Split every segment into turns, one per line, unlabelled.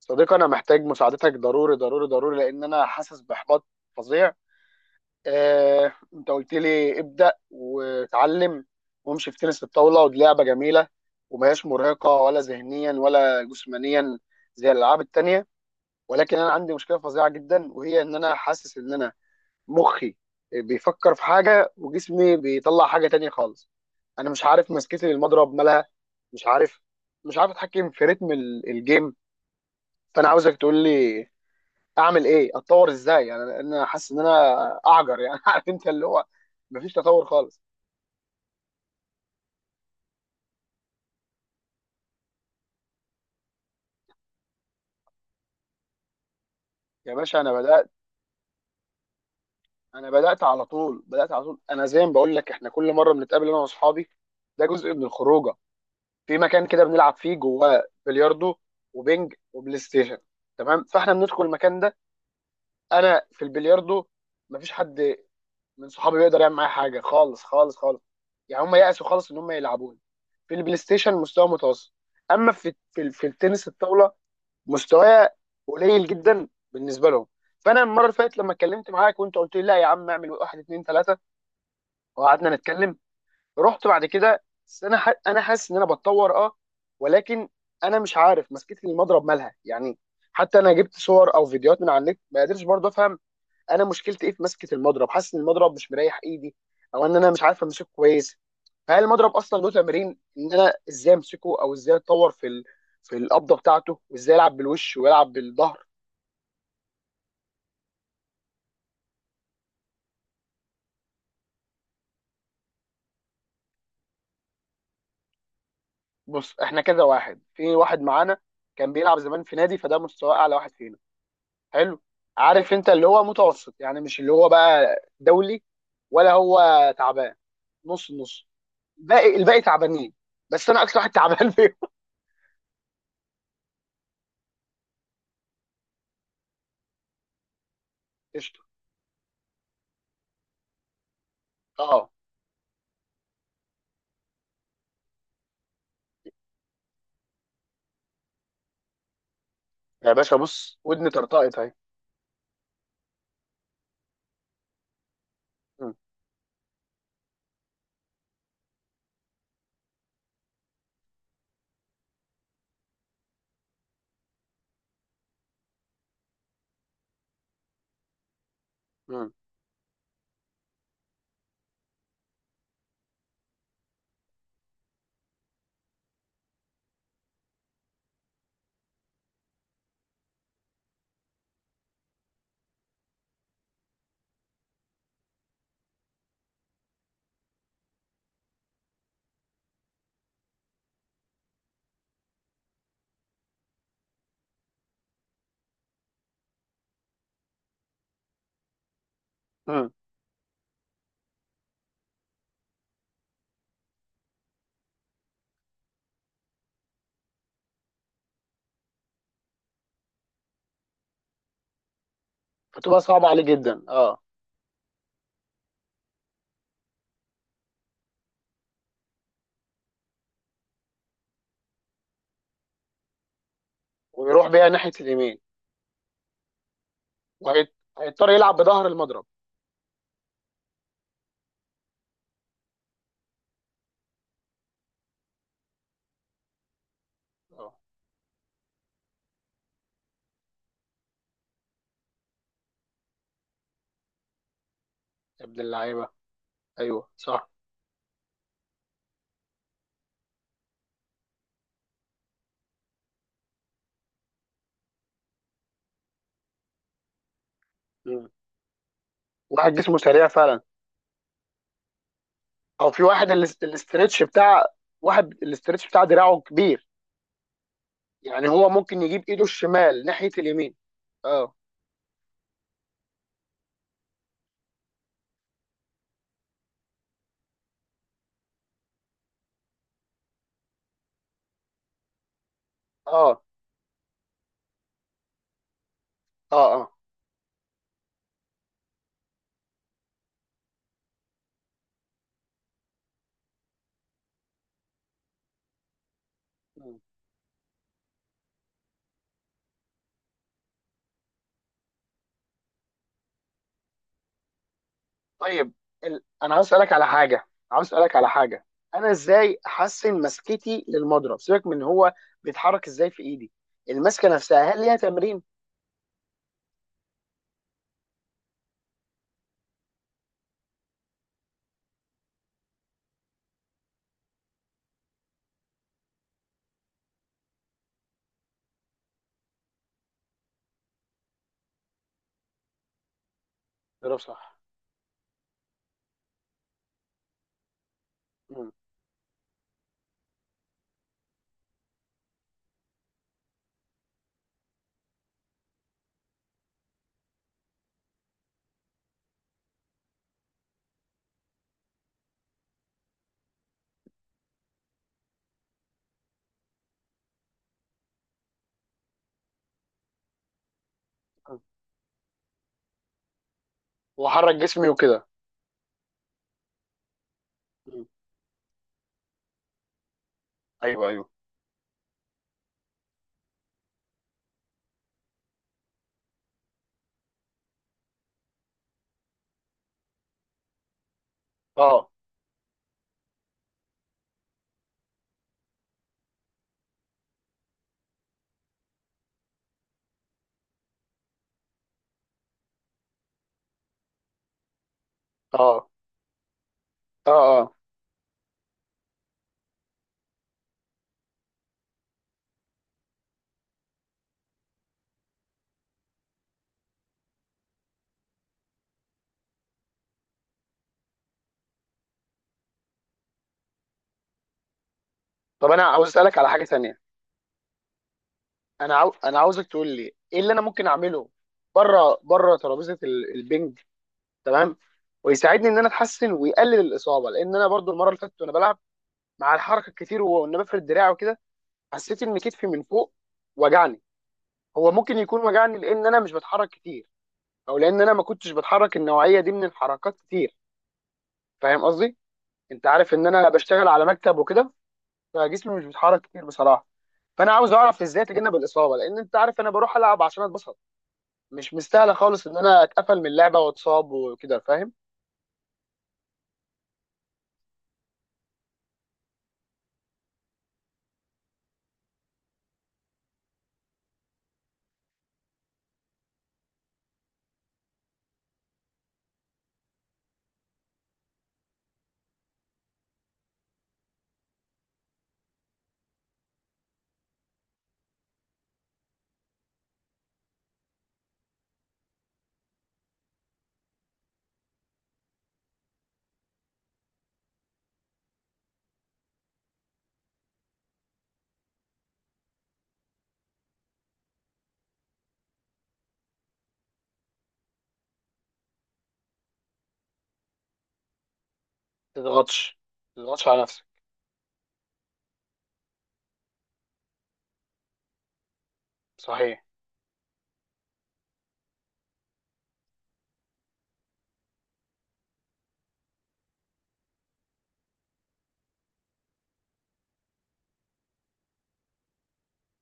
صديقي، انا محتاج مساعدتك ضروري ضروري ضروري لان انا حاسس باحباط فظيع. آه، انت قلت لي ابدا وتعلم وامشي في تنس الطاوله، ودي لعبه جميله وما هياش مرهقه ولا ذهنيا ولا جسمانيا زي الالعاب التانيه. ولكن انا عندي مشكله فظيعه جدا، وهي ان انا حاسس ان انا مخي بيفكر في حاجه وجسمي بيطلع حاجه تانيه خالص. انا مش عارف مسكتي للمضرب مالها، مش عارف، مش عارف اتحكم في رتم الجيم. فانا عاوزك تقول لي اعمل ايه، اتطور ازاي. يعني انا حاسس ان انا اعجر يعني عارف، انت اللي هو مفيش تطور خالص. يا باشا، انا بدات انا بدات على طول بدات على طول انا زي ما بقول لك، احنا كل مره بنتقابل انا واصحابي، ده جزء من الخروجه. في مكان كده بنلعب فيه جواه بلياردو وبينج وبلاي ستيشن. تمام، فاحنا بندخل المكان ده، انا في البلياردو مفيش حد من صحابي بيقدر يعمل معايا حاجه خالص خالص خالص. يعني هم يأسوا خالص ان هم يلعبوني. في البلاي ستيشن مستوى متوسط. اما في التنس الطاوله مستوايا قليل جدا بالنسبه لهم. فانا المره اللي فاتت لما اتكلمت معاك وانت قلت لي: لا يا عم، اعمل واحد اتنين تلاته، وقعدنا نتكلم. رحت بعد كده. بس انا انا حاسس ان انا بتطور، اه. ولكن انا مش عارف مسكتي المضرب مالها يعني. حتى انا جبت صور او فيديوهات من على النت، ما قدرتش برضه افهم. انا مشكلتي ايه في مسكه المضرب؟ حاسس ان المضرب مش مريح ايدي، او ان انا مش عارف امسكه كويس. فهل المضرب اصلا له تمارين ان انا ازاي امسكه، او ازاي اتطور في في القبضه بتاعته، وازاي العب بالوش ويلعب بالظهر؟ بص، احنا كذا واحد. في واحد معانا كان بيلعب زمان في نادي، فده مستوى اعلى واحد فينا، حلو. عارف، انت اللي هو متوسط يعني، مش اللي هو بقى دولي، ولا هو تعبان، نص نص. الباقي تعبانين. بس انا اكتر واحد تعبان فيهم. قشطه. اه. يا باشا بص، ودني طرطقت اهي. مم، مم، مم. فتبقى صعبه عليه جدا، اه. ويروح بيها ناحيه اليمين، وهيضطر يلعب بظهر المضرب، اه. يا ابن اللعيبه! ايوه، صح. مم. واحد جسمه سريع فعلا. او في واحد الاسترتش بتاع، واحد الاسترتش بتاع دراعه كبير. يعني هو ممكن يجيب ايده الشمال ناحية اليمين. اه، اه، اه، اه. مم. طيب، انا عاوز اسالك على حاجة عاوز اسالك على حاجة انا ازاي احسن مسكتي للمضرب؟ سيبك من هو بيتحرك ازاي في ايدي. المسكة نفسها هل ليها تمرين؟ ضرب صح. مم. مم. واحرك جسمي وكده. مم. ايوه، ايوه. اه، اه، اه، اه. طب انا عاوز اسالك على حاجة تانية. انا انا عاوزك تقول لي ايه اللي انا ممكن اعمله بره بره ترابيزه البنج، تمام، ويساعدني ان انا اتحسن ويقلل الاصابه. لان انا برضو المره اللي فاتت وانا بلعب مع الحركه الكتير وان بفرد دراعي وكده، حسيت ان كتفي من فوق وجعني. هو ممكن يكون وجعني لان انا مش بتحرك كتير، او لان انا ما كنتش بتحرك النوعيه دي من الحركات كتير. فاهم قصدي؟ انت عارف ان انا بشتغل على مكتب وكده، فجسمي مش بيتحرك كتير بصراحه. فانا عاوز اعرف ازاي اتجنب الاصابه، لان انت عارف انا بروح العب عشان اتبسط. مش مستاهله خالص ان انا اتقفل من اللعبه واتصاب وكده، فاهم؟ ما تضغطش ما تضغطش على نفسك. صحيح.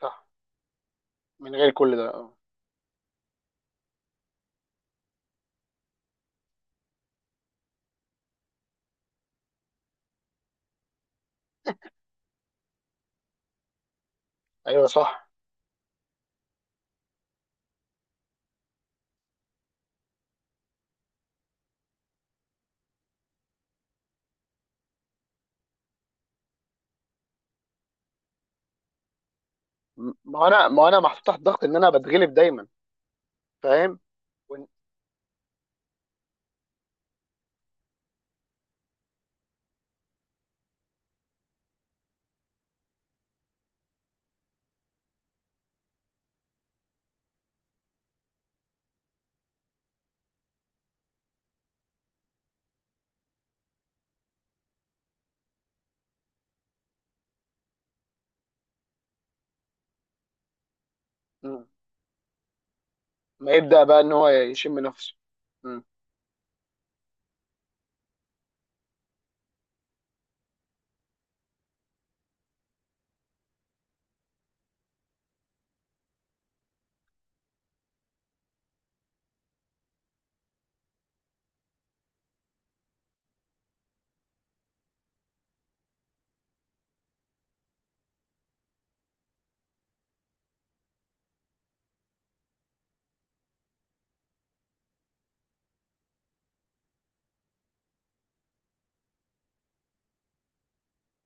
صح. من غير كل ده، آه. ايوه، صح. ما انا محطوط تحت ضغط ان انا بتغلب دايما، فاهم؟ ون- م. ما يبدا بقى ان هو يشم نفسه. م.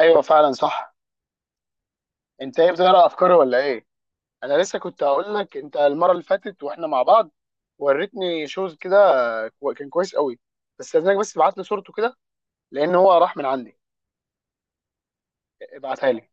ايوه، فعلا، صح. انت ايه، بتقرا افكاري ولا ايه؟ انا لسه كنت هقول لك، انت المره اللي فاتت واحنا مع بعض وريتني شوز كده، كان كويس قوي. بس لازمك بس تبعت لي صورته كده، لان هو راح من عندي. ابعتها لي.